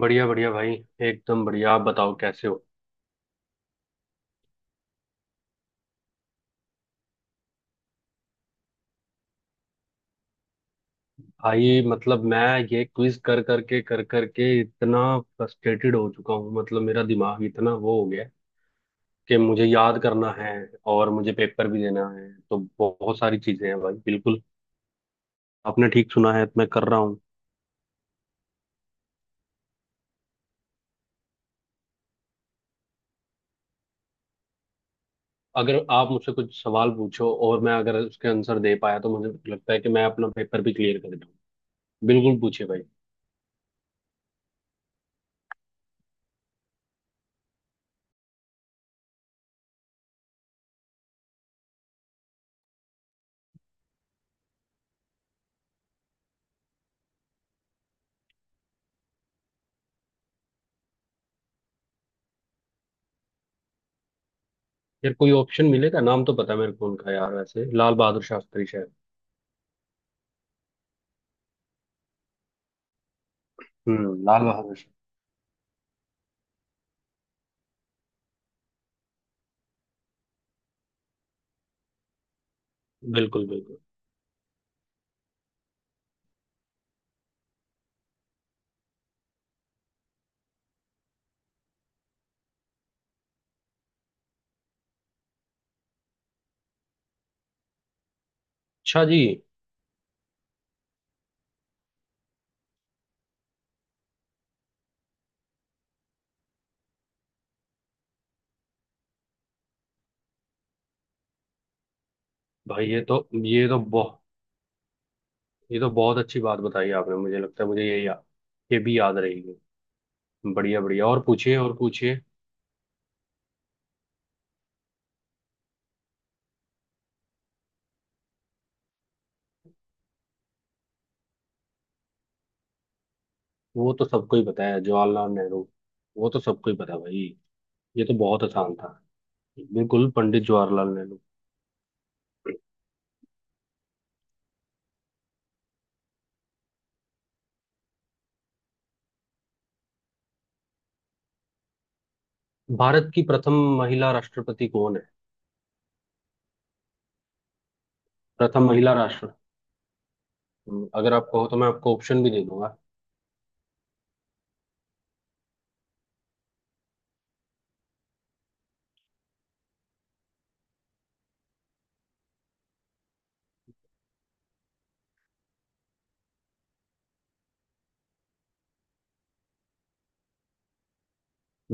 बढ़िया बढ़िया भाई। एकदम बढ़िया। आप बताओ, कैसे हो? भाई, मतलब, मैं ये क्विज कर करके इतना फ्रस्ट्रेटेड हो चुका हूँ। मतलब मेरा दिमाग इतना वो हो गया है कि मुझे याद करना है और मुझे पेपर भी देना है। तो बहुत सारी चीजें हैं भाई। बिल्कुल, आपने ठीक सुना है, मैं कर रहा हूँ। अगर आप मुझसे कुछ सवाल पूछो और मैं अगर उसके आंसर दे पाया, तो मुझे लगता है कि मैं अपना पेपर भी क्लियर कर दूँ। बिल्कुल पूछे भाई। यार, कोई ऑप्शन मिलेगा? नाम तो पता है मेरे को उनका यार। वैसे लाल बहादुर शास्त्री, शायद। हम्म, लाल बहादुर। बिल्कुल बिल्कुल। अच्छा जी। भाई ये तो ये तो बहुत ये तो बहुत अच्छी बात बताई आपने। मुझे लगता है मुझे ये, ये भी याद रहेगी। बढ़िया बढ़िया, और पूछिए, और पूछिए। वो तो सबको ही पता है, जवाहरलाल नेहरू। वो तो सबको ही पता है भाई। ये तो बहुत आसान था। बिल्कुल, पंडित जवाहरलाल नेहरू। भारत की प्रथम महिला राष्ट्रपति कौन है? प्रथम महिला राष्ट्र अगर आप कहो तो मैं आपको ऑप्शन भी दे दूंगा।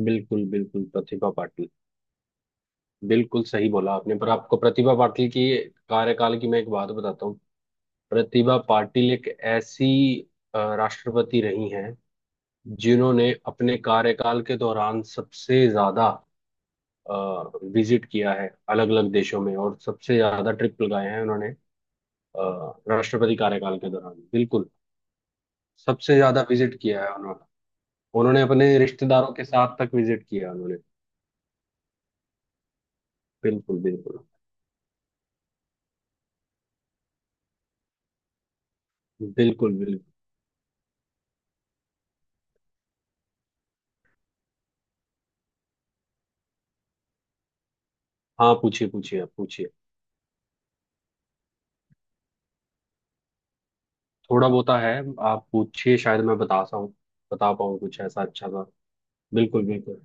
बिल्कुल बिल्कुल, प्रतिभा पाटिल। बिल्कुल सही बोला आपने। पर आपको प्रतिभा पाटिल की कार्यकाल की मैं एक बात बताता हूँ। प्रतिभा पाटिल एक ऐसी राष्ट्रपति रही हैं, जिन्होंने अपने कार्यकाल के दौरान सबसे ज्यादा विजिट किया है अलग अलग देशों में, और सबसे ज्यादा ट्रिप लगाए हैं उन्होंने राष्ट्रपति कार्यकाल के दौरान। बिल्कुल। सबसे ज्यादा विजिट किया है उन्होंने उन्होंने अपने रिश्तेदारों के साथ तक विजिट किया, उन्होंने। बिल्कुल बिल्कुल बिल्कुल बिल्कुल। हाँ पूछिए पूछिए, आप पूछिए। थोड़ा बहुत है, आप पूछिए। शायद मैं बता पाऊँ कुछ ऐसा अच्छा सा। बिल्कुल बिल्कुल।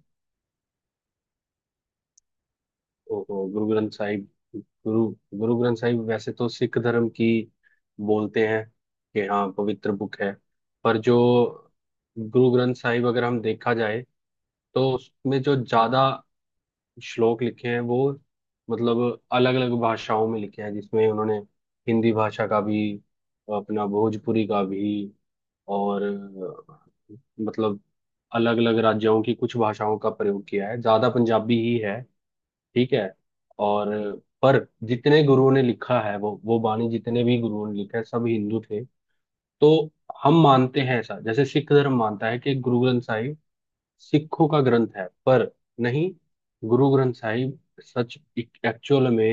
ओहो, गुरु ग्रंथ साहिब। गुरु गुरु ग्रंथ साहिब वैसे तो सिख धर्म की, बोलते हैं कि हाँ, पवित्र बुक है। पर जो गुरु ग्रंथ साहिब, अगर हम देखा जाए, तो उसमें जो ज्यादा श्लोक लिखे हैं वो, मतलब, अलग अलग भाषाओं में लिखे हैं, जिसमें उन्होंने हिंदी भाषा का भी, अपना भोजपुरी का भी, और, मतलब, अलग अलग राज्यों की कुछ भाषाओं का प्रयोग किया है, ज्यादा पंजाबी ही है। ठीक है। और पर जितने गुरुओं ने लिखा है, वो बाणी, जितने भी गुरुओं ने लिखा है, सब हिंदू थे। तो हम मानते हैं ऐसा, जैसे सिख धर्म मानता है कि गुरु ग्रंथ साहिब सिखों का ग्रंथ है, पर नहीं। गुरु ग्रंथ साहिब सच एक्चुअल में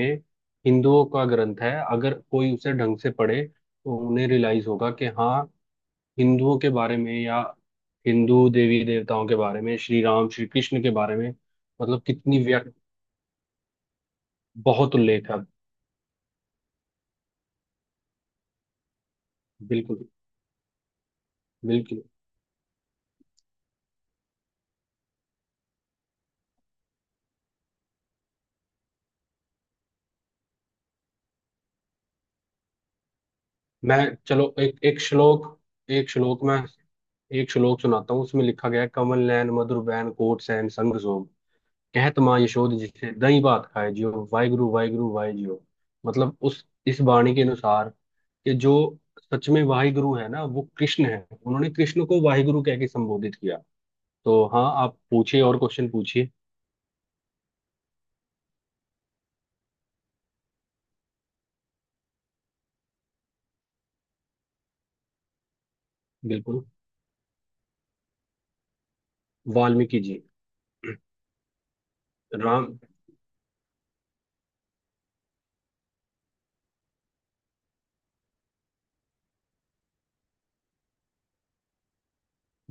हिंदुओं का ग्रंथ है। अगर कोई उसे ढंग से पढ़े तो उन्हें रियलाइज होगा कि हाँ, हिंदुओं के बारे में, या हिंदू देवी देवताओं के बारे में, श्री राम, श्री कृष्ण के बारे में मतलब कितनी व्यक्त बहुत उल्लेख है। बिल्कुल बिल्कुल। मैं चलो एक एक श्लोक मैं एक श्लोक सुनाता हूँ। उसमें लिखा गया है, कमल नयन मधुर बैन कोट सैन संग सोम, कहत माँ यशोद जिसे दही भात खाए जियो, वाहिगुरु वाहिगुरु वाहे जियो। मतलब उस इस वाणी के अनुसार, कि जो सच में वाहिगुरु है ना, वो कृष्ण है। उन्होंने कृष्ण को वाहिगुरु कह के संबोधित किया। तो हाँ, आप पूछिए और क्वेश्चन पूछिए। बिल्कुल, वाल्मीकि जी। राम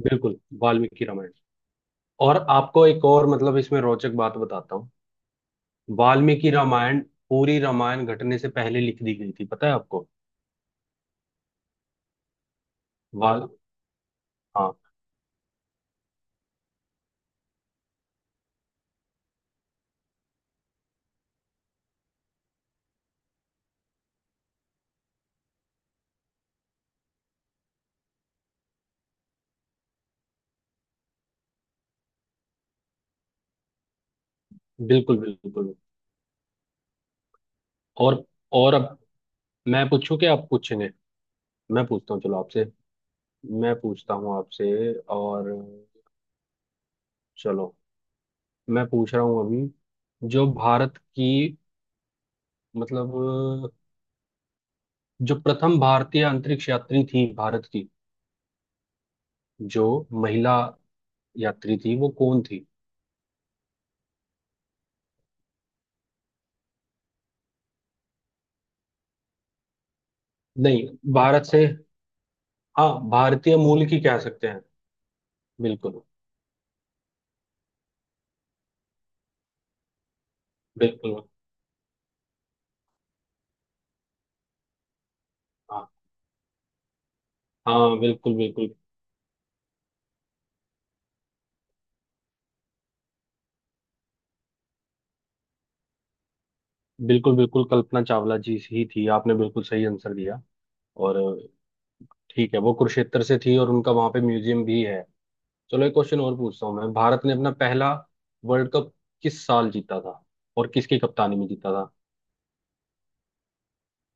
बिल्कुल, वाल्मीकि रामायण। और आपको एक और, मतलब, इसमें रोचक बात बताता हूँ। वाल्मीकि रामायण, पूरी रामायण घटने से पहले लिख दी गई थी, पता है आपको? वाल हाँ, बिल्कुल बिल्कुल। और और अब मैं पूछूं, क्या आप पूछेंगे? मैं पूछता हूँ चलो आपसे मैं पूछता हूँ आपसे, और, चलो, मैं पूछ रहा हूँ अभी, जो भारत की, मतलब, जो प्रथम भारतीय अंतरिक्ष यात्री थी, भारत की, जो महिला यात्री थी, वो कौन थी? नहीं, भारत से। हाँ, भारतीय मूल की कह सकते हैं। बिल्कुल बिल्कुल। हाँ। हाँ, बिल्कुल बिल्कुल। बिल्कुल बिल्कुल, कल्पना चावला जी ही थी। आपने बिल्कुल सही आंसर दिया। और ठीक है, वो कुरुक्षेत्र से थी, और उनका वहां पे म्यूजियम भी है। चलो, एक क्वेश्चन और पूछता हूँ मैं। भारत ने अपना पहला वर्ल्ड कप किस साल जीता था, और किसकी कप्तानी में जीता था?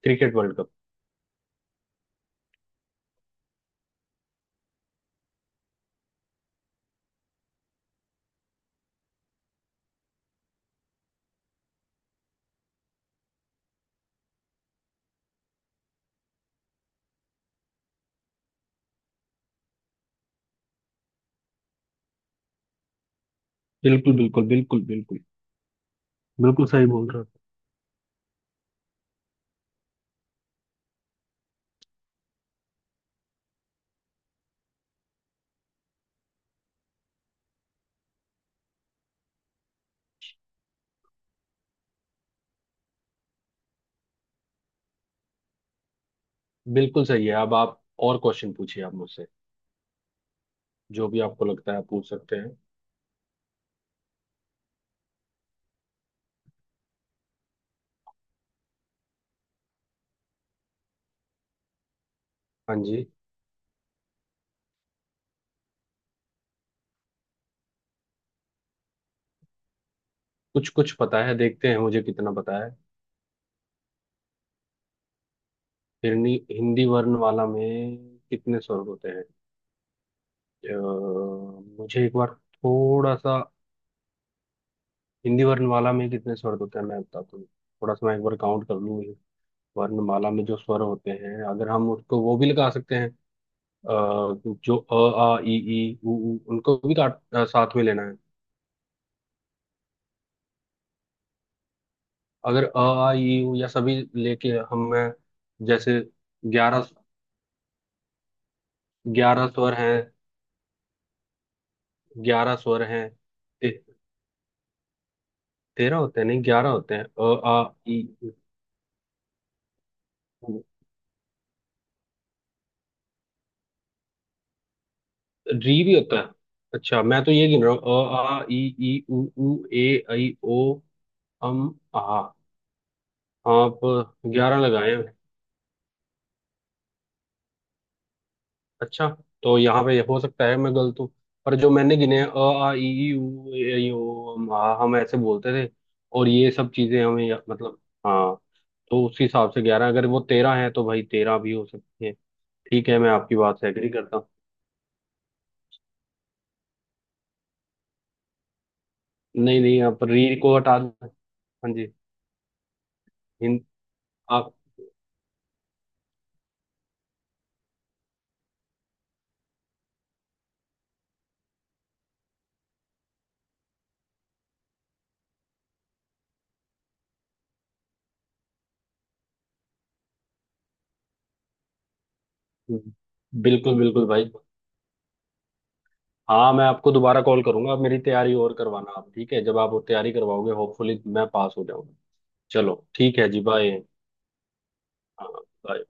Cricket world cup. बिल्कुल बिल्कुल बिल्कुल बिल्कुल, बिल्कुल सही बोल रहे हो। बिल्कुल सही है। अब आप और क्वेश्चन पूछिए आप मुझसे, जो भी आपको लगता है आप पूछ सकते हैं। हाँ जी। कुछ कुछ पता है, देखते हैं मुझे कितना पता है। हिंदी हिंदी वर्णमाला में कितने स्वर होते हैं? अ, मुझे एक बार, थोड़ा सा, हिंदी वर्णमाला में कितने स्वर होते हैं, मैं बताता हूँ। थोड़ा सा, मैं एक बार काउंट कर लूँ। वर्णमाला में जो स्वर होते हैं, अगर हम उसको, वो भी लगा सकते हैं। अ, जो अ, आ, इ, ई, उ, ऊ, उनको भी, काट, साथ में लेना है। अगर अ, आ, इ, ई, उ या सभी लेके हम, जैसे, 11। 11 स्वर हैं। 11 स्वर हैं। 13 होते हैं? नहीं, 11 होते हैं। अ, आ, ई, उ, ऊ। री भी होता है? अच्छा, मैं तो ये गिन रहा हूँ: अ, आ, ई, ई, उ, ऊ, ए, ऐ, ओ, अम, आ। आप 11 लगाए हैं। अच्छा, तो यहाँ पे हो सकता है मैं गलत हूँ, पर जो मैंने गिने हैं: अ, आ, ई, ई, उ, ए, ऐ, ओ, अम, आ। हम ऐसे बोलते थे, और ये सब चीजें हमें मतलब, हाँ, तो उस हिसाब से 11। अगर वो 13 है, तो भाई 13 भी हो सकती है। ठीक है, मैं आपकी बात से एग्री करता हूँ। नहीं नहीं, आप री को हटा दो। हाँ जी। हिंद आप बिल्कुल बिल्कुल भाई। हाँ, मैं आपको दोबारा कॉल करूंगा। आप मेरी तैयारी और करवाना। आप ठीक है? जब आप वो तैयारी करवाओगे, होपफुली मैं पास हो जाऊंगा। चलो, ठीक है जी, बाय। हाँ, बाय।